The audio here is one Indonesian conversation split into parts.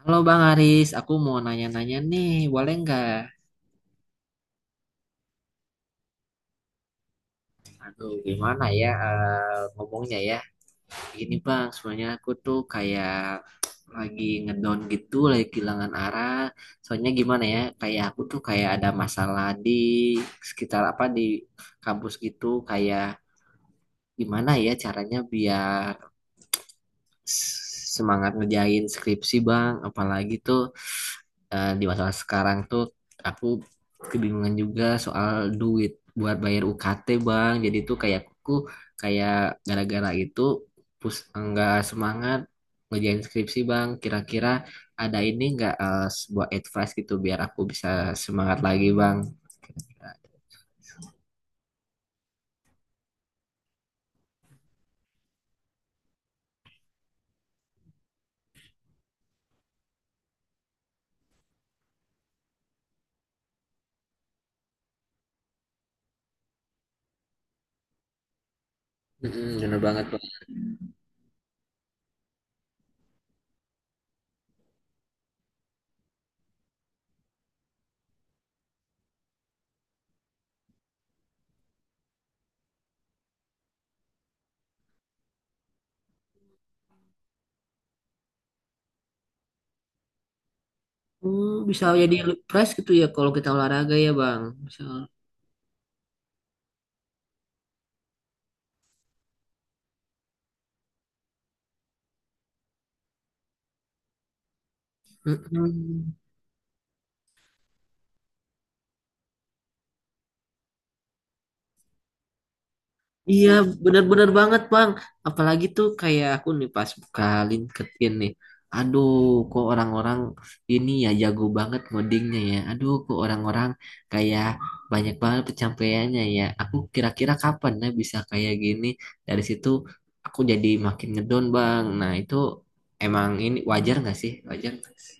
Halo Bang Aris, aku mau nanya-nanya nih, boleh nggak? Aduh, gimana ya ngomongnya ya? Gini Bang, sebenarnya aku tuh kayak lagi ngedown gitu, lagi kehilangan arah. Soalnya gimana ya? Kayak aku tuh kayak ada masalah di sekitar apa di kampus gitu, kayak gimana ya caranya biar semangat ngerjain skripsi bang, apalagi tuh di masa sekarang tuh aku kebingungan juga soal duit buat bayar UKT bang, jadi tuh kayak aku kayak gara-gara itu pus enggak semangat ngerjain skripsi bang. Kira-kira ada ini enggak, sebuah advice gitu biar aku bisa semangat lagi bang. Kira-kira. Mm-mm, bener banget bang. Oh, bisa jadi fresh gitu ya kalau kita olahraga ya bang. Misal. Mm-mm. Iya, benar-benar banget, Bang. Apalagi tuh kayak aku nih pas buka LinkedIn nih. Aduh, kok orang-orang ini ya jago banget ngodingnya ya. Aduh, kok orang-orang kayak banyak banget pencapaiannya ya. Aku kira-kira kapan ya bisa kayak gini. Dari situ aku jadi makin ngedown, Bang. Nah, itu emang ini wajar nggak sih? Wajar nggak sih?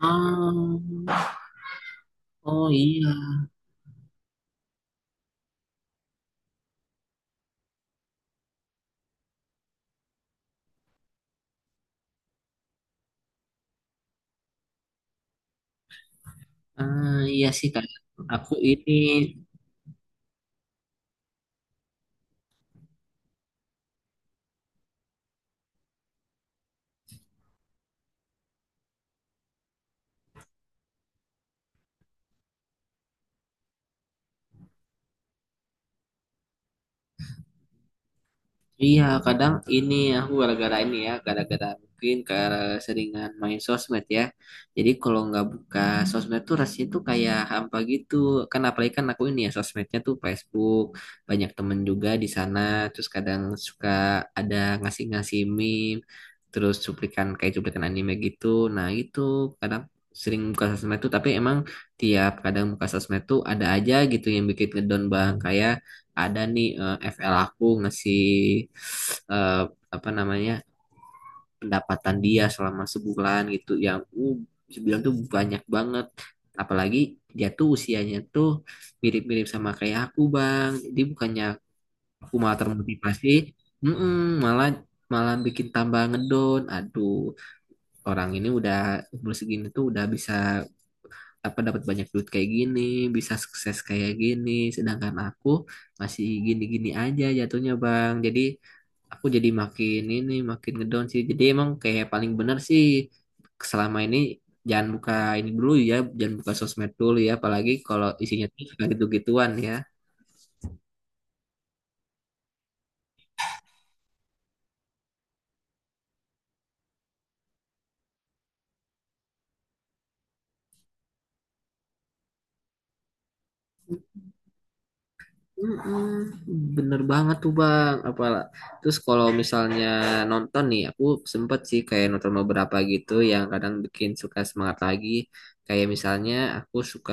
Oh, oh iya. Ah, iya sih, Kak. Aku ini iya, kadang ini ya, aku gara-gara ini ya, gara-gara mungkin ke seringan main sosmed ya. Jadi kalau nggak buka sosmed tuh rasanya tuh kayak hampa gitu. Kan apalagi kan aku ini ya sosmednya tuh Facebook, banyak temen juga di sana. Terus kadang suka ada ngasih-ngasih meme, terus cuplikan kayak cuplikan anime gitu. Nah itu kadang sering buka sosmed tuh, tapi emang tiap kadang buka sosmed tuh ada aja gitu yang bikin ngedown bang. Kayak ada nih FL aku ngasih eh, apa namanya pendapatan dia selama sebulan gitu yang sebulan tuh banyak banget, apalagi dia tuh usianya tuh mirip-mirip sama kayak aku bang, jadi bukannya aku malah termotivasi, mm-mm, malah malah bikin tambah ngedown. Aduh, orang ini udah umur segini tuh udah bisa apa dapat banyak duit kayak gini, bisa sukses kayak gini, sedangkan aku masih gini-gini aja jatuhnya Bang. Jadi aku jadi makin ini makin ngedown sih. Jadi emang kayak paling bener sih selama ini jangan buka ini dulu ya, jangan buka sosmed dulu ya, apalagi kalau isinya tuh suka gitu-gituan ya. Mm-mm, bener banget tuh bang apalah. Terus kalau misalnya nonton nih aku sempet sih kayak nonton beberapa gitu yang kadang bikin suka semangat lagi, kayak misalnya aku suka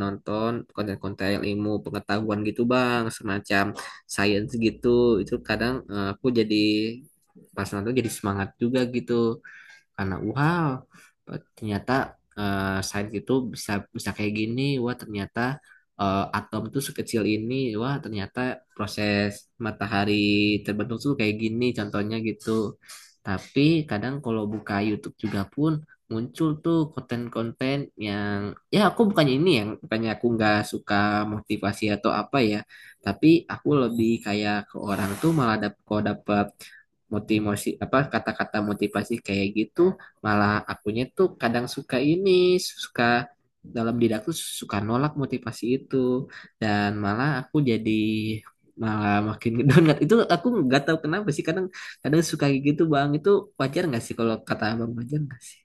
nonton konten-konten ilmu pengetahuan gitu bang, semacam science gitu. Itu kadang aku jadi pas nonton jadi semangat juga gitu, karena wow ternyata sains itu bisa bisa kayak gini. Wah ternyata atom tuh sekecil ini. Wah ternyata proses matahari terbentuk tuh kayak gini contohnya gitu. Tapi kadang kalau buka YouTube juga pun muncul tuh konten-konten yang ya aku bukannya ini yang bukannya aku nggak suka motivasi atau apa ya, tapi aku lebih kayak ke orang tuh malah dap kalau dapat motivasi apa kata-kata motivasi kayak gitu malah akunya tuh kadang suka ini suka dalam diri aku suka nolak motivasi itu, dan malah aku jadi malah makin ngedonat. Itu aku nggak tahu kenapa sih, kadang kadang suka kayak gitu bang. Itu wajar nggak sih kalau kata abang, wajar nggak sih?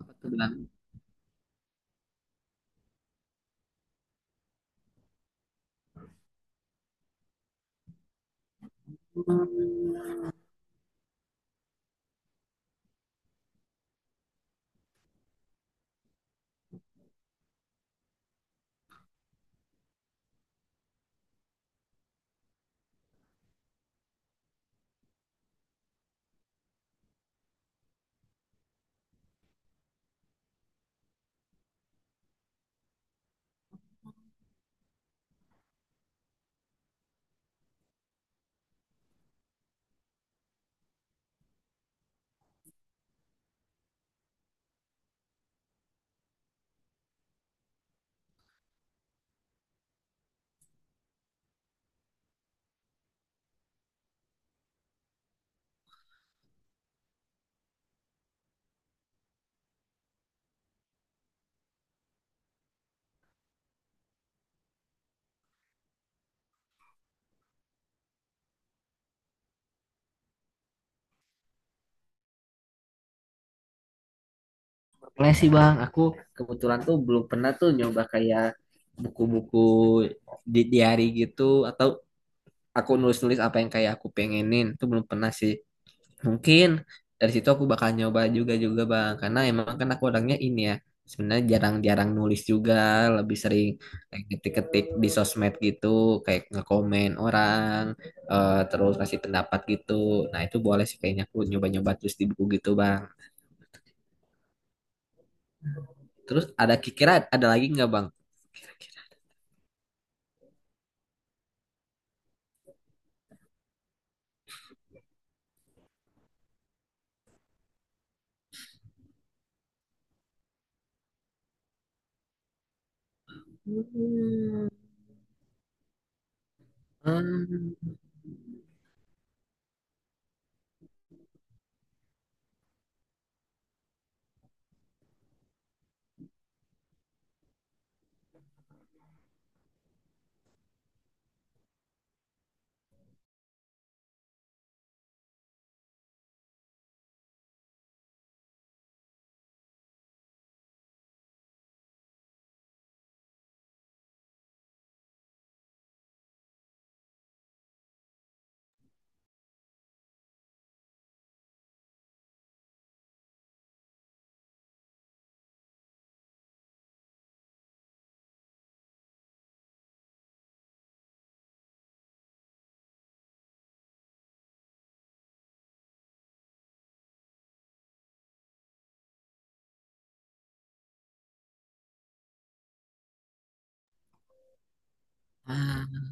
Aku tuh bilang, "Hmm, boleh sih bang. Aku kebetulan tuh belum pernah tuh nyoba kayak buku-buku di diary gitu, atau aku nulis-nulis apa yang kayak aku pengenin itu belum pernah sih. Mungkin dari situ aku bakal nyoba juga juga bang, karena emang kan aku orangnya ini ya sebenarnya jarang-jarang nulis juga, lebih sering kayak ketik-ketik di sosmed gitu kayak ngekomen orang, terus kasih pendapat gitu. Nah itu boleh sih kayaknya aku nyoba-nyoba terus di buku gitu bang. Terus ada kira-kira ada lagi nggak bang? Hmm. Hmm. Ah,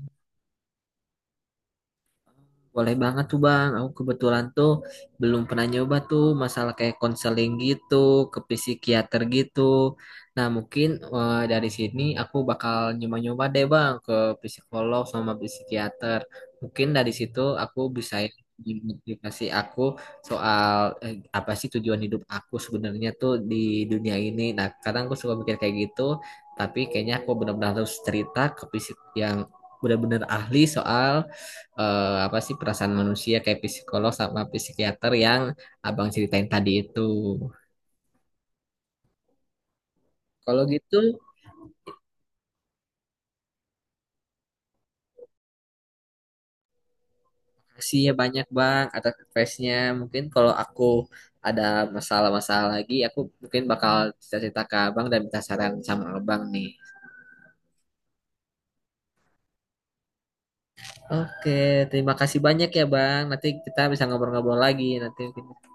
boleh banget tuh Bang. Aku kebetulan tuh belum pernah nyoba tuh masalah kayak konseling gitu, ke psikiater gitu. Nah, mungkin dari sini aku bakal nyoba-nyoba deh Bang ke psikolog sama psikiater. Mungkin dari situ aku bisa dimotivasi aku soal apa sih tujuan hidup aku sebenarnya tuh di dunia ini. Nah, kadang aku suka mikir kayak gitu, tapi kayaknya aku benar-benar harus cerita ke psik yang benar-benar ahli soal apa sih perasaan manusia, kayak psikolog sama psikiater yang abang ceritain tadi itu. Kalau gitu, kasih ya banyak bang atas advice-nya. Mungkin kalau aku ada masalah-masalah lagi, aku mungkin bakal cerita-cerita ke abang dan minta saran sama abang nih. Oke, terima kasih banyak ya bang. Nanti kita bisa ngobrol-ngobrol lagi. Nanti mungkin